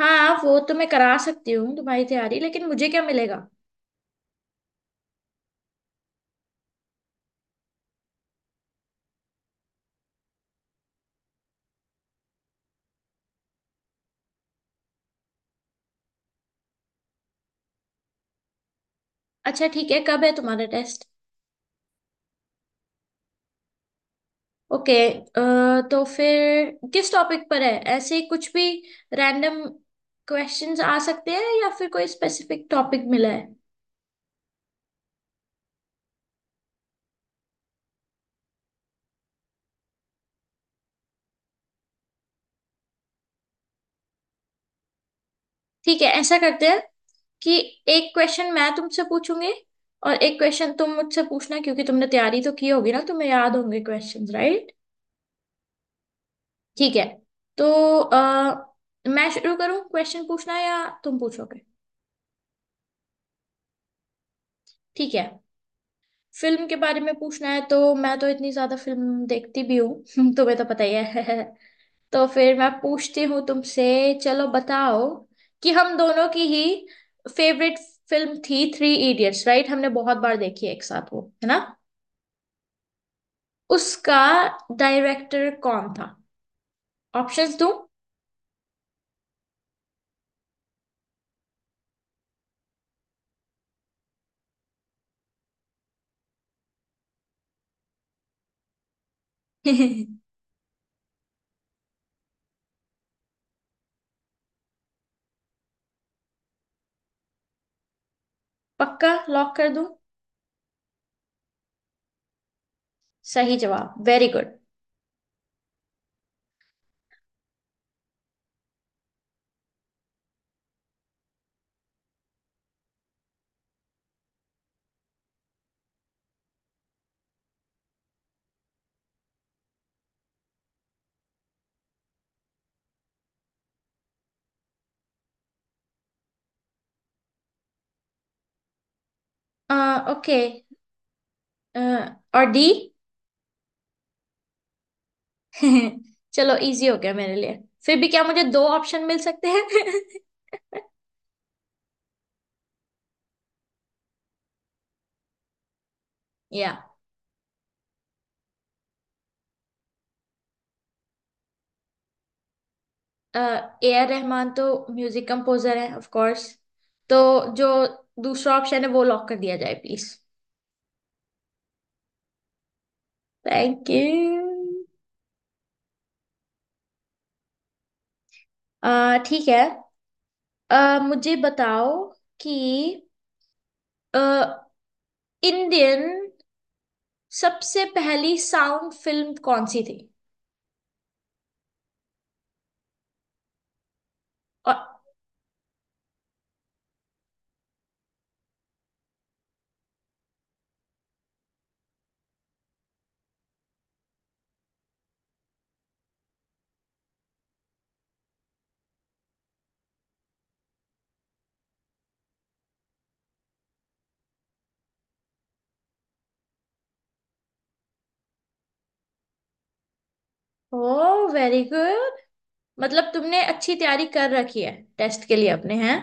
हाँ वो तो मैं करा सकती हूँ तुम्हारी तैयारी। लेकिन मुझे क्या मिलेगा। अच्छा ठीक है, कब है तुम्हारा टेस्ट। ओके। तो फिर किस टॉपिक पर है, ऐसे ही कुछ भी रैंडम क्वेश्चंस आ सकते हैं या फिर कोई स्पेसिफिक टॉपिक मिला है। ठीक है, ऐसा करते हैं कि एक क्वेश्चन मैं तुमसे पूछूंगी और एक क्वेश्चन तुम मुझसे पूछना, क्योंकि तुमने तैयारी तो की होगी ना, तुम्हें याद होंगे क्वेश्चंस राइट। ठीक है। तो अ, मैं शुरू करूँ क्वेश्चन पूछना या तुम पूछोगे। ठीक है। फिल्म के बारे में पूछना है, तो मैं तो इतनी ज्यादा फिल्म देखती भी हूँ तुम्हें तो पता ही है। तो फिर मैं पूछती हूँ तुमसे। चलो बताओ कि हम दोनों की ही फेवरेट फिल्म थी थ्री इडियट्स, राइट। हमने बहुत बार देखी है एक साथ, वो है ना। उसका डायरेक्टर कौन था, ऑप्शंस दूं। पक्का लॉक कर दूं। सही जवाब, वेरी गुड। ओके। और डी। चलो इजी हो गया मेरे लिए। फिर भी क्या मुझे दो ऑप्शन मिल सकते हैं। या ए आर रहमान तो म्यूजिक कंपोजर है ऑफ कोर्स। तो जो दूसरा ऑप्शन है वो लॉक कर दिया जाए प्लीज। Thank you. ठीक है। मुझे बताओ कि अ, इंडियन सबसे पहली साउंड फिल्म कौन सी थी। और ओ वेरी गुड। मतलब तुमने अच्छी तैयारी कर रखी है टेस्ट के लिए अपने हैं।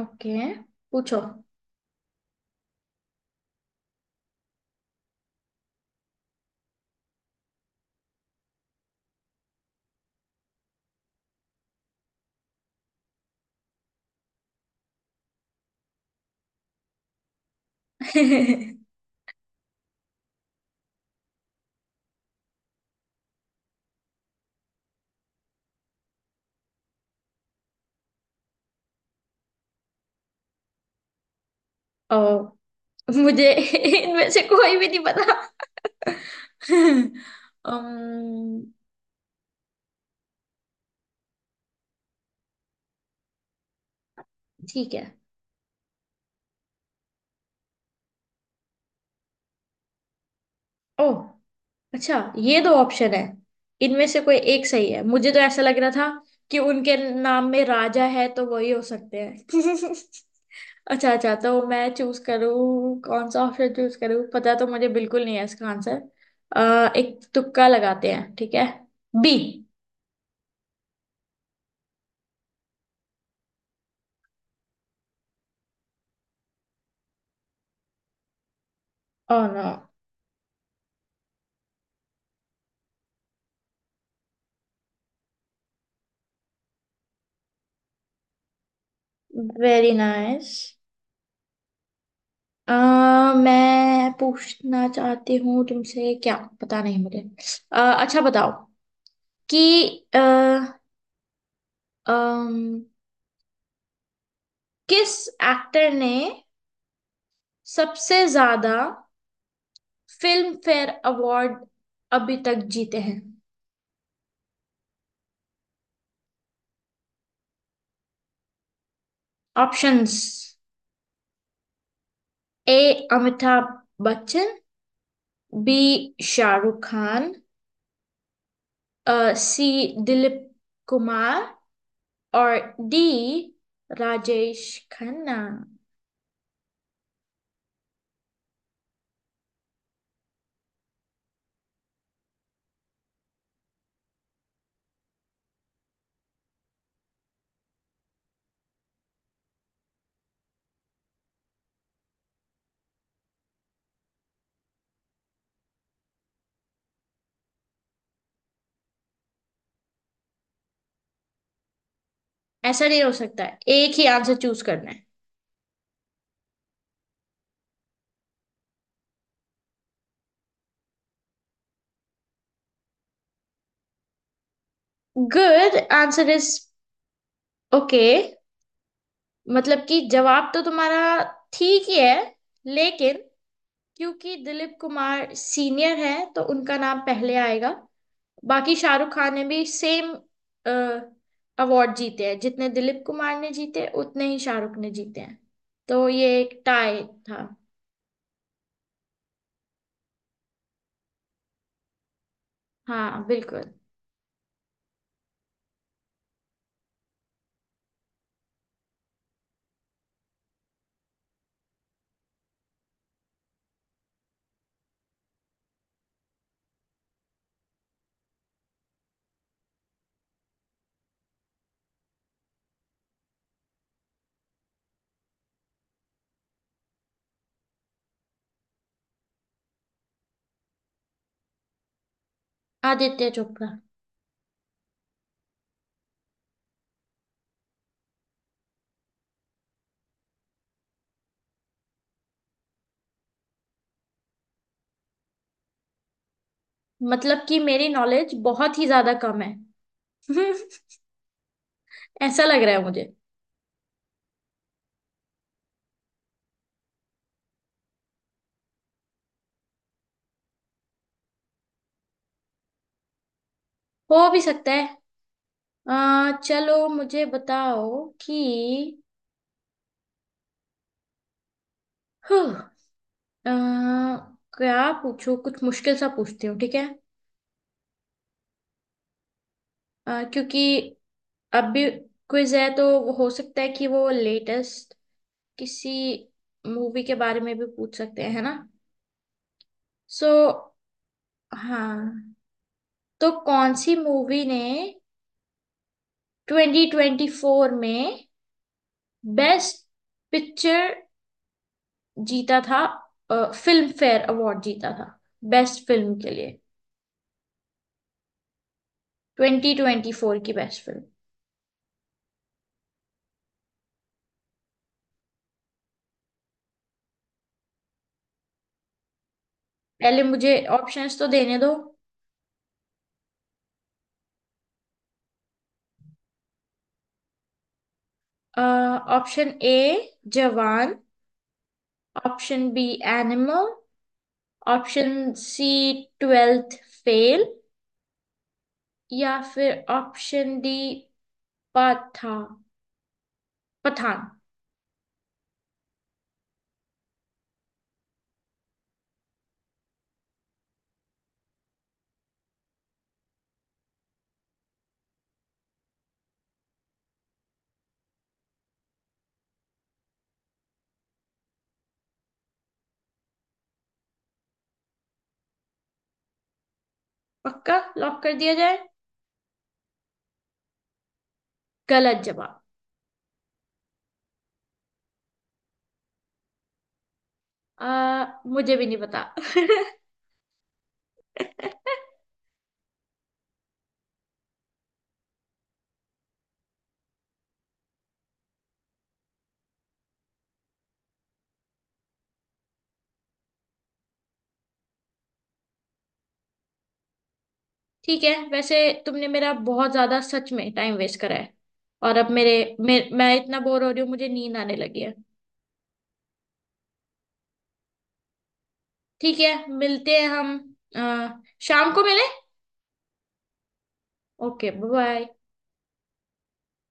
ओके। पूछो। ओ मुझे इनमें से कोई भी नहीं पता। अम्म, ठीक है। ओह अच्छा, ये दो ऑप्शन है, इनमें से कोई एक सही है। मुझे तो ऐसा लग रहा था कि उनके नाम में राजा है तो वही हो सकते हैं। अच्छा अच्छा, तो मैं चूज करूँ, कौन सा ऑप्शन चूज करूँ, पता तो मुझे बिल्कुल नहीं है इसका आंसर। अह एक तुक्का लगाते हैं, ठीक है, B. Oh no. Very nice. Uh मैं पूछना चाहती हूँ तुमसे, क्या पता नहीं मुझे। अच्छा बताओ कि अ, अम, किस एक्टर ने सबसे ज्यादा फिल्म फेयर अवार्ड अभी तक जीते हैं। Options. A Amitabh Bachchan, B Shahrukh Khan, सी दिलीप कुमार, और डी राजेश खन्ना। ऐसा नहीं हो सकता है, एक ही आंसर चूज करना है। Good answer is okay. मतलब कि जवाब तो तुम्हारा ठीक ही है, लेकिन क्योंकि दिलीप कुमार सीनियर है तो उनका नाम पहले आएगा। बाकी शाहरुख खान ने भी सेम अवार्ड जीते हैं, जितने दिलीप कुमार ने जीते उतने ही शाहरुख ने जीते हैं। तो ये एक टाई था। हाँ बिल्कुल। आदित्य चोपड़ा। मतलब कि मेरी नॉलेज बहुत ही ज्यादा कम है। ऐसा लग रहा है मुझे। हो भी सकता है। चलो मुझे बताओ कि हुँ, अ, क्या पूछूं, कुछ मुश्किल सा पूछती हूँ, ठीक है। क्योंकि अभी क्विज है तो वो हो सकता है कि वो लेटेस्ट किसी मूवी के बारे में भी पूछ सकते हैं, है ना। सो हाँ। तो कौन सी मूवी ने 2024 में बेस्ट पिक्चर जीता था, फिल्म फेयर अवार्ड जीता था बेस्ट फिल्म के लिए, 2024 की बेस्ट फिल्म। पहले मुझे ऑप्शंस तो देने दो। Option A Jawan, option B Animal, option C Twelfth Fail, या फिर ऑप्शन डी पथा पठान। पक्का लॉक कर दिया जाए। गलत जवाब। मुझे भी नहीं पता। ठीक है, वैसे तुमने मेरा बहुत ज्यादा सच में टाइम वेस्ट करा है, और अब मेरे मैं इतना बोर हो रही हूँ, मुझे नींद आने लगी है। ठीक है मिलते हैं हम अ, शाम को मिले। Okay bye.